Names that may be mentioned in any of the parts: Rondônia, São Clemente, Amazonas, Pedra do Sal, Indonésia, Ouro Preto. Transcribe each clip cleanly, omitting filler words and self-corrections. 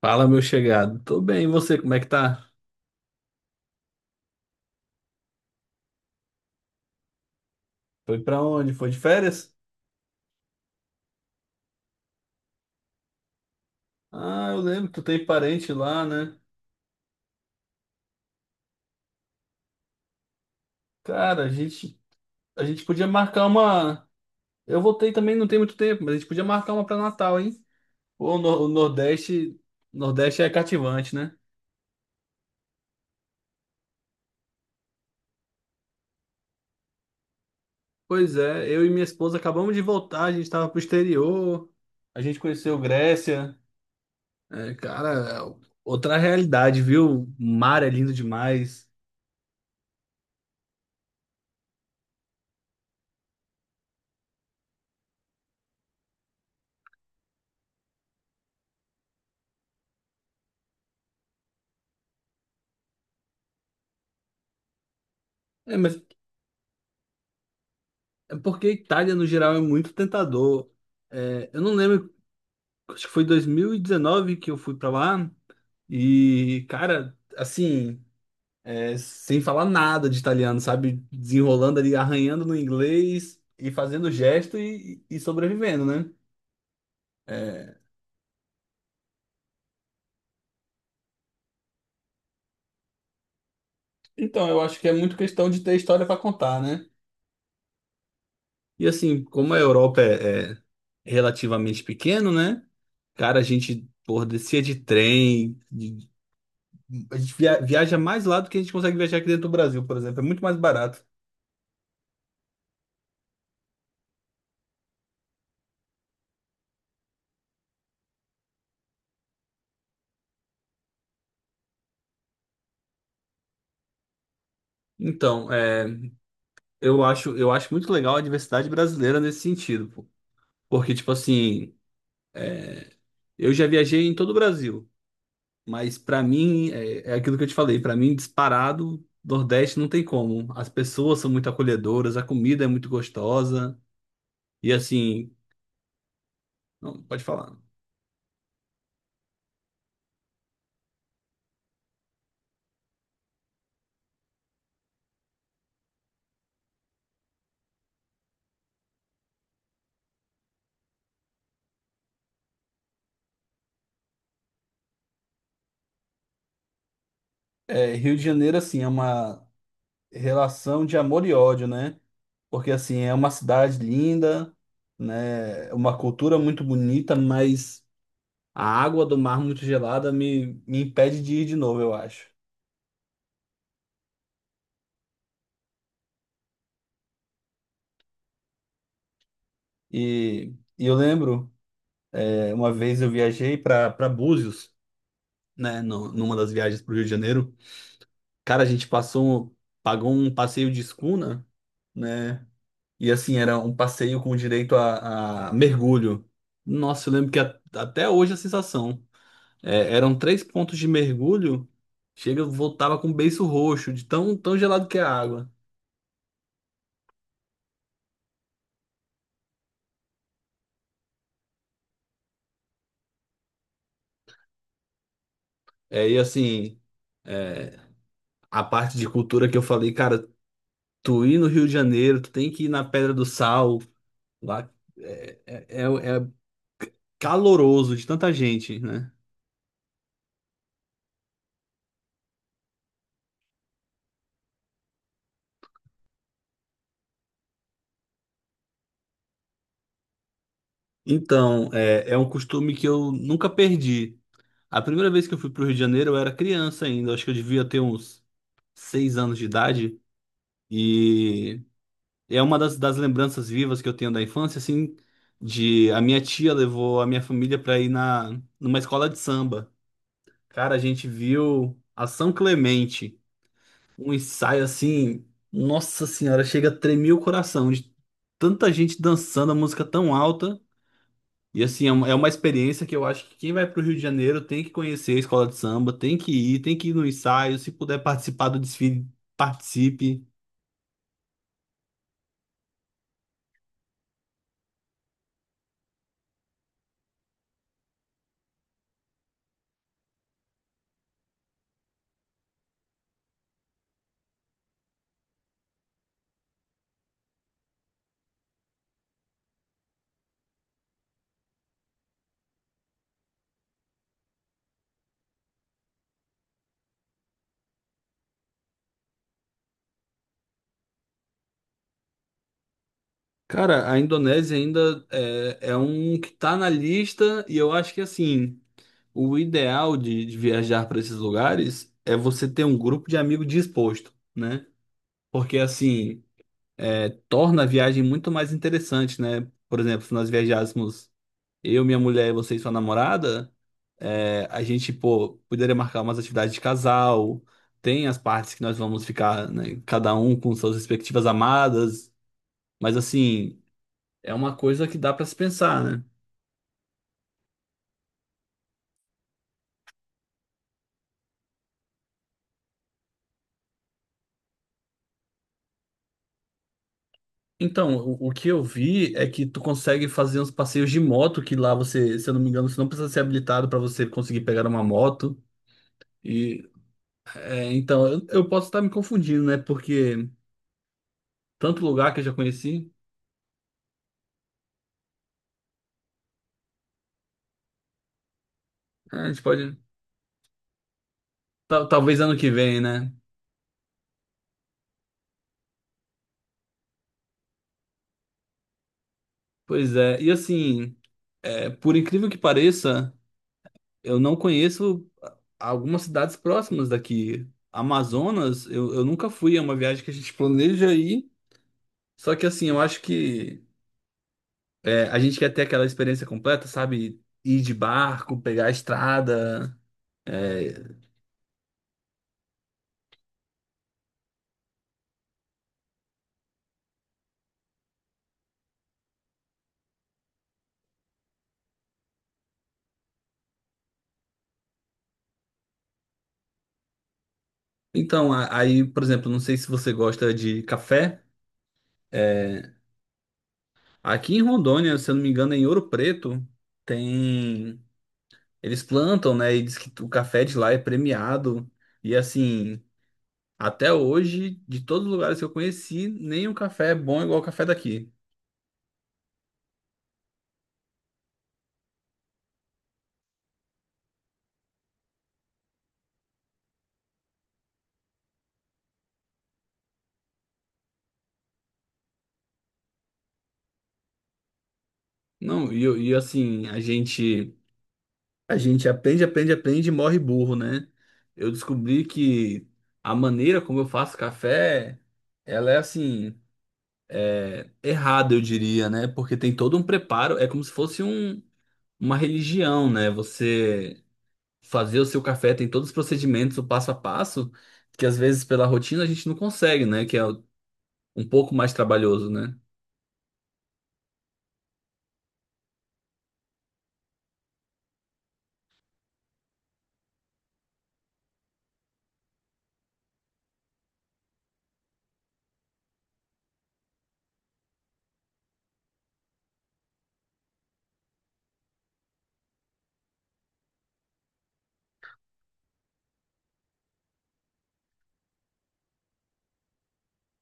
Fala, meu chegado. Tô bem, e você, como é que tá? Foi pra onde? Foi de férias? Ah, eu lembro que tu tem parente lá, né? Cara, a gente podia marcar uma. Eu voltei também, não tem muito tempo, mas a gente podia marcar uma pra Natal, hein? Pô, o Nor- o Nordeste é cativante, né? Pois é, eu e minha esposa acabamos de voltar, a gente tava pro exterior, a gente conheceu Grécia. É, cara, é outra realidade, viu? O mar é lindo demais. É, mas É porque a Itália, no geral, é muito tentador. É, eu não lembro, acho que foi 2019 que eu fui pra lá. E, cara, assim, sem falar nada de italiano, sabe? Desenrolando ali, arranhando no inglês e fazendo gesto e sobrevivendo, né? É, então, eu acho que é muito questão de ter história pra contar, né? E, assim, como a Europa é relativamente pequeno, né? Cara, a gente, porra, descia de trem. A gente viaja mais lá do que a gente consegue viajar aqui dentro do Brasil, por exemplo. É muito mais barato. Então, eu acho muito legal a diversidade brasileira nesse sentido, pô. Porque, tipo assim, eu já viajei em todo o Brasil, mas pra mim, é aquilo que eu te falei, pra mim, disparado, Nordeste não tem como. As pessoas são muito acolhedoras, a comida é muito gostosa, e assim, não, pode falar. É, Rio de Janeiro, assim, é uma relação de amor e ódio, né? Porque assim, é uma cidade linda, né? Uma cultura muito bonita, mas a água do mar muito gelada me impede de ir de novo, eu acho. E, e eu lembro, uma vez eu viajei para Búzios, né? Numa das viagens para o Rio de Janeiro. Cara, a gente pagou um passeio de escuna, né? E assim, era um passeio com direito a mergulho. Nossa, eu lembro que até hoje a sensação. É, eram três pontos de mergulho. Chega, eu voltava com o beiço roxo, de tão, tão gelado que é a água. É, e assim, é, a parte de cultura que eu falei, cara, tu ir no Rio de Janeiro, tu tem que ir na Pedra do Sal, lá é caloroso de tanta gente, né? Então, é um costume que eu nunca perdi. A primeira vez que eu fui pro Rio de Janeiro, eu era criança ainda, acho que eu devia ter uns 6 anos de idade. E. É uma das lembranças vivas que eu tenho da infância, assim, de a minha tia levou a minha família para ir na numa escola de samba. Cara, a gente viu a São Clemente, um ensaio assim, nossa senhora, chega a tremer o coração de tanta gente dançando a música tão alta. E assim, é uma experiência que eu acho que quem vai para o Rio de Janeiro tem que conhecer a escola de samba, tem que ir, no ensaio, se puder participar do desfile, participe. Cara, a Indonésia ainda é um que tá na lista, e eu acho que assim, o ideal de viajar para esses lugares é você ter um grupo de amigo disposto, né? Porque assim, torna a viagem muito mais interessante, né? Por exemplo, se nós viajássemos eu, minha mulher e você e sua namorada, a gente, pô, poderia marcar umas atividades de casal, tem as partes que nós vamos ficar, né, cada um com suas respectivas amadas, mas assim, é uma coisa que dá para se pensar, né? Então, o que eu vi é que tu consegue fazer uns passeios de moto, que lá você, se eu não me engano, você não precisa ser habilitado para você conseguir pegar uma moto. E, então, eu posso estar me confundindo, né? Porque tanto lugar que eu já conheci, a gente pode. Talvez ano que vem, né? Pois é. E assim, por incrível que pareça, eu não conheço algumas cidades próximas daqui. Amazonas, eu nunca fui, é uma viagem que a gente planeja ir. Só que assim, eu acho que. É, a gente quer ter aquela experiência completa, sabe? Ir de barco, pegar a estrada. É. Então, aí, por exemplo, não sei se você gosta de café. é, Aqui em Rondônia, se eu não me engano, em Ouro Preto, tem. Eles plantam, né? E diz que o café de lá é premiado. E assim, até hoje, de todos os lugares que eu conheci, nenhum café é bom igual o café daqui. Não, e assim, a gente. A gente aprende, aprende, aprende e morre burro, né? Eu descobri que a maneira como eu faço café, ela é assim, errada, eu diria, né? Porque tem todo um preparo, é como se fosse uma religião, né? Você fazer o seu café tem todos os procedimentos, o passo a passo, que às vezes pela rotina a gente não consegue, né? Que é um pouco mais trabalhoso, né?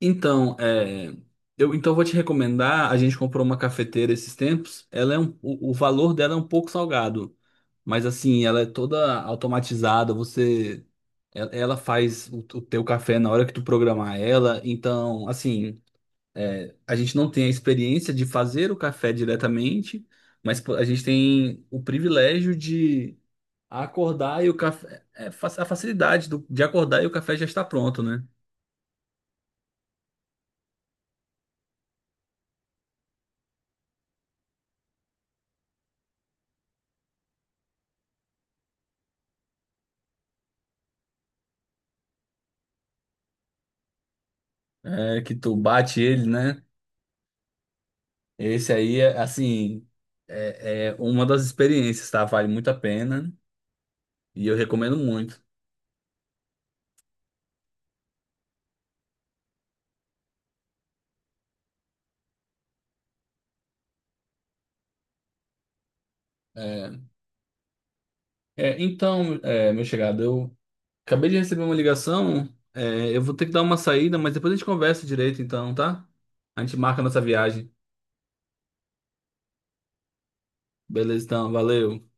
Então, eu então eu vou te recomendar. A gente comprou uma cafeteira esses tempos. O valor dela é um pouco salgado, mas assim, ela é toda automatizada. Ela faz o teu café na hora que tu programar ela. Então, assim, a gente não tem a experiência de fazer o café diretamente, mas pô, a gente tem o privilégio de acordar e o café, a facilidade de acordar e o café já está pronto, né? É que tu bate ele, né? Esse aí é, assim, é uma das experiências, tá? Vale muito a pena e eu recomendo muito. É, é, então, meu chegado, eu acabei de receber uma ligação, eu vou ter que dar uma saída, mas depois a gente conversa direito, então, tá? A gente marca a nossa viagem. Beleza, então, valeu.